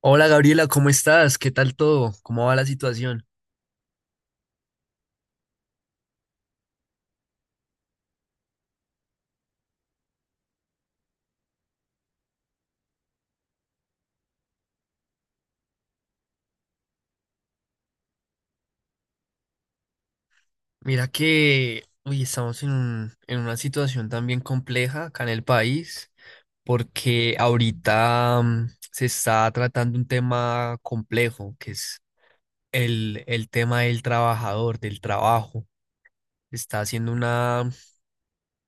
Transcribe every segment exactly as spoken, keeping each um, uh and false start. Hola Gabriela, ¿cómo estás? ¿Qué tal todo? ¿Cómo va la situación? Mira que, uy, estamos en un- en una situación también compleja acá en el país, porque ahorita mm, se está tratando un tema complejo, que es el, el tema del trabajador, del trabajo. Se Está haciendo una,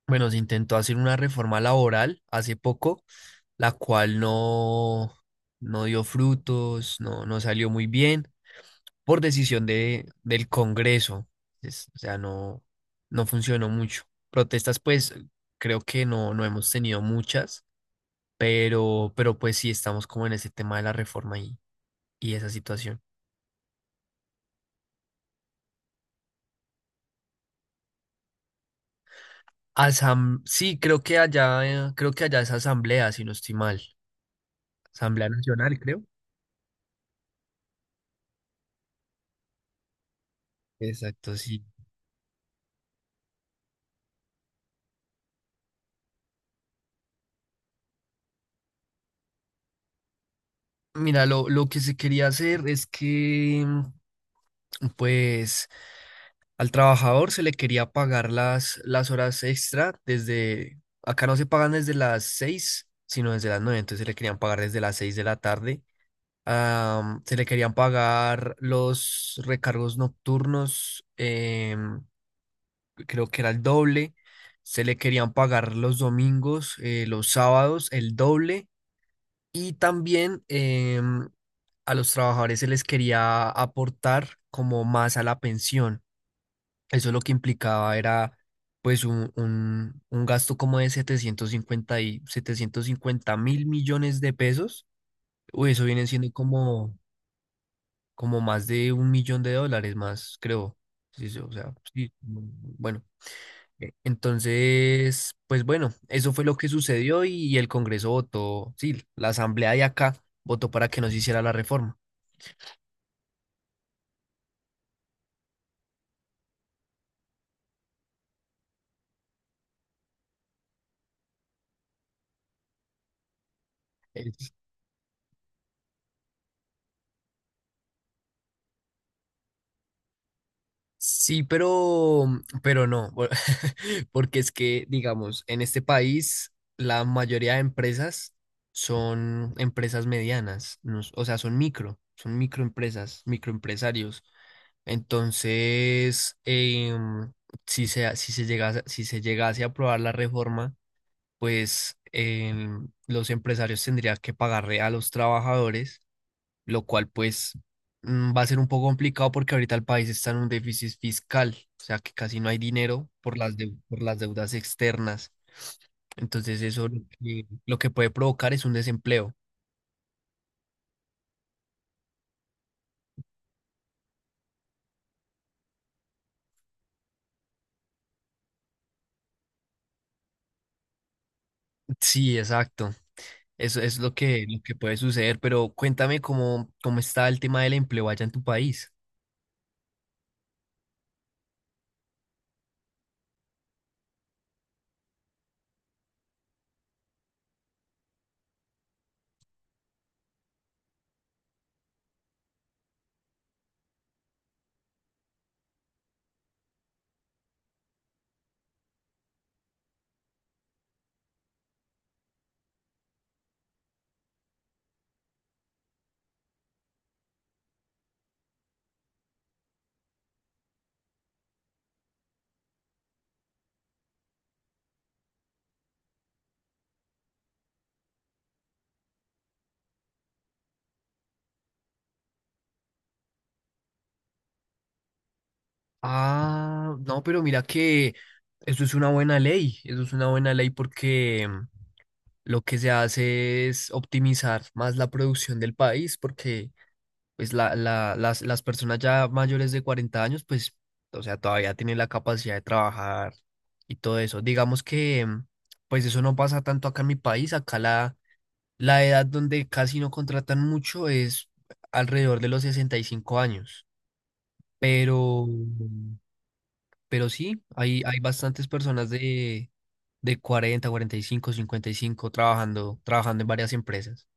Bueno, se intentó hacer una reforma laboral hace poco, la cual no, no dio frutos, no, no salió muy bien. Por decisión de, del Congreso. Es- o sea, no, no funcionó mucho. Protestas, pues creo que no, no hemos tenido muchas, pero, pero pues sí estamos como en ese tema de la reforma y, y esa situación. Asam Sí, creo que allá, eh, creo que allá es asamblea, si no estoy mal. Asamblea Nacional, creo. Exacto, sí. Mira, lo, lo que se quería hacer es que, mm, pues, al trabajador se le quería pagar las, las horas extra, desde, acá no se pagan desde las seis, sino desde las nueve, entonces se le querían pagar desde las seis de la tarde. Am, se le querían pagar los recargos nocturnos, em, creo que era el doble. Se le querían pagar los domingos, eh, los sábados, el doble. Y también, em, a los trabajadores se les quería aportar como más a la pensión. Eso lo que implicaba era pues un, un, un gasto como de setecientos cincuenta y setecientos cincuenta mil millones de pesos. Uy, eso viene siendo como, como más de un millón de dólares más, creo. Sí, sí, o sea, sí, mm, bueno. eh, Entonces, pues bueno, eso fue lo que sucedió y, y el Congreso votó, sí, la Asamblea de acá votó para que no se hiciera la reforma. Eh, Sí, pero, pero no, por- porque es que, digamos, en este país la mayoría de empresas son empresas medianas, no s- o sea, son micro, son microempresas, microempresarios. Entonces, em, si se, si se llegase, si se llegase a aprobar la reforma, pues em, los empresarios tendrían que pagarle a los trabajadores, lo cual pues mm, va a ser un poco complicado porque ahorita el país está en un déficit fiscal, o sea que casi no hay dinero por las, deu- por las deudas externas. Entonces eso lo que, lo que puede provocar es un desempleo. Sí, exacto. Eso es lo que, lo que puede suceder, pero cuéntame cómo, cómo está el tema del empleo allá en tu país. Ah, no, pero mira que eso es una buena ley, eso es una buena ley, porque mm, lo que se hace es optimizar más la producción del país, porque pues la, la- las, las personas ya mayores de cuarenta años, pues, o sea, todavía tienen la capacidad de trabajar y todo eso. Digamos que, mm, pues eso no pasa tanto acá en mi país, acá la, la edad donde casi no contratan mucho es alrededor de los sesenta y cinco años, pero, mm, pero sí, hay, hay bastantes personas de, de cuarenta, cuarenta y cinco, cincuenta y cinco, trabajando, trabajando en varias empresas.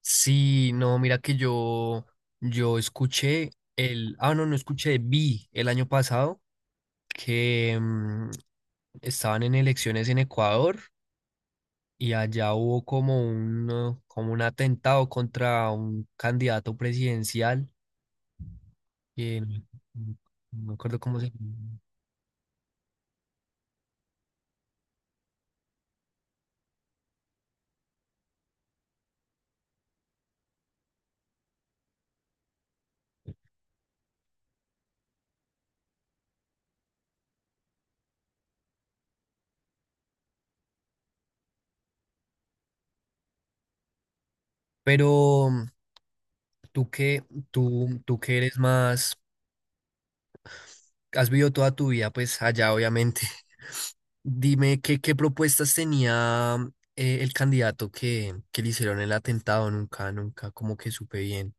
Sí, no, mira que yo, yo escuché el, ah, no, no escuché, vi el año pasado que mm, estaban en elecciones en Ecuador y allá hubo como un, eh, como un atentado contra un candidato presidencial, que no no me acuerdo cómo se llama. Pero mm, tú que, tú, tú que eres más, has vivido toda tu vida, pues allá obviamente. Dime qué, qué propuestas tenía, eh, el candidato que, que le hicieron el atentado. Nunca, nunca, como que supe bien.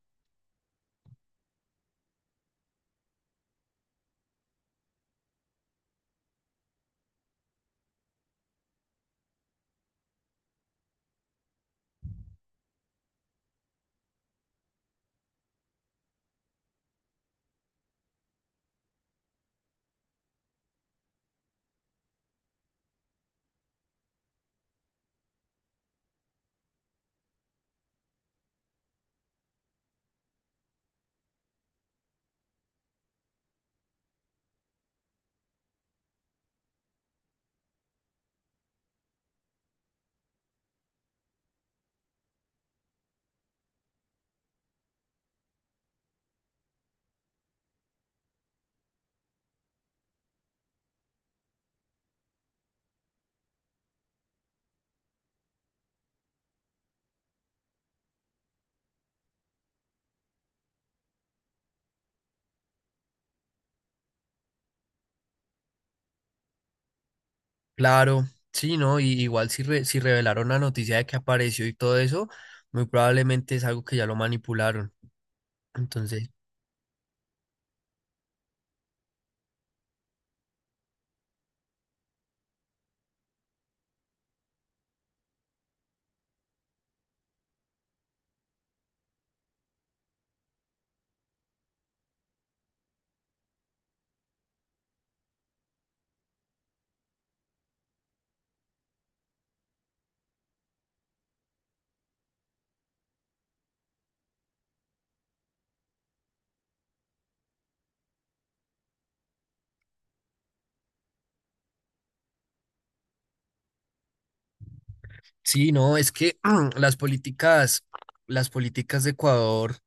Claro, sí, ¿no? Y igual, si, re- si revelaron la noticia de que apareció y todo eso, muy probablemente es algo que ya lo manipularon. Entonces, sí, no, es que las políticas, las políticas de Ecuador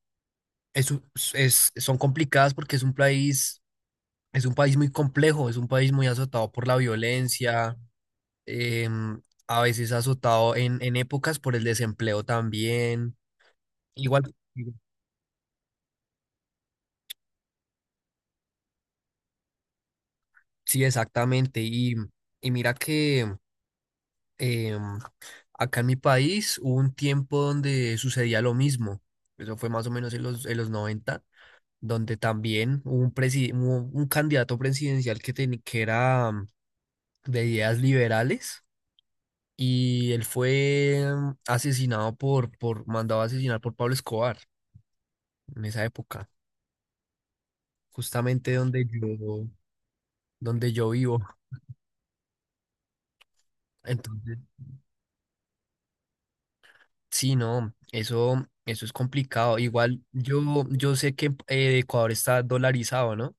es, un- es- son complicadas porque es un país, es un país muy complejo, es un país muy azotado por la violencia, em, a veces azotado en, en épocas por el desempleo también. Igual, sí, exactamente. Y, y mira que, em, acá en mi país hubo un tiempo donde sucedía lo mismo. Eso fue más o menos en los, en los noventa, donde también hubo un, presi- hubo un candidato presidencial que, teni- que era, mm, de ideas liberales. Y él fue, mm, asesinado por, por, mandado a asesinar por Pablo Escobar en esa época. Justamente donde yo, donde yo vivo. Entonces, sí, no, eso, eso es complicado. Igual yo, yo sé que, eh, Ecuador está dolarizado, ¿no?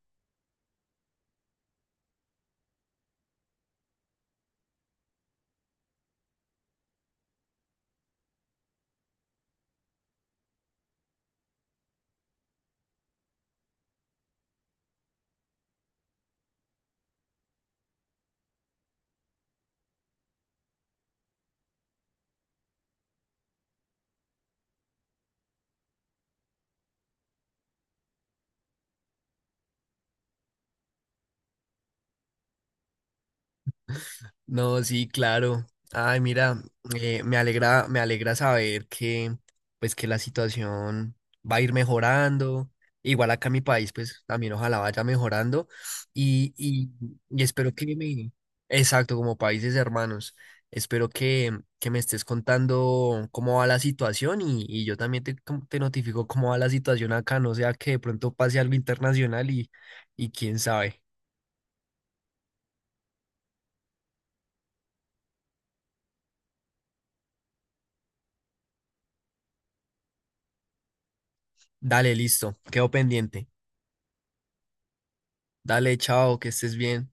No, sí, claro. Ay, mira, eh, me alegra, me alegra saber que, pues, que la situación va a ir mejorando. Igual acá en mi país, pues, también ojalá vaya mejorando. Y, y, y espero que me, exacto, como países hermanos, espero que, que me estés contando cómo va la situación, y, y yo también te, com- te notifico cómo va la situación acá, no sea que de pronto pase algo internacional y, y quién sabe. Dale, listo, quedo pendiente. Dale, chao, que estés bien.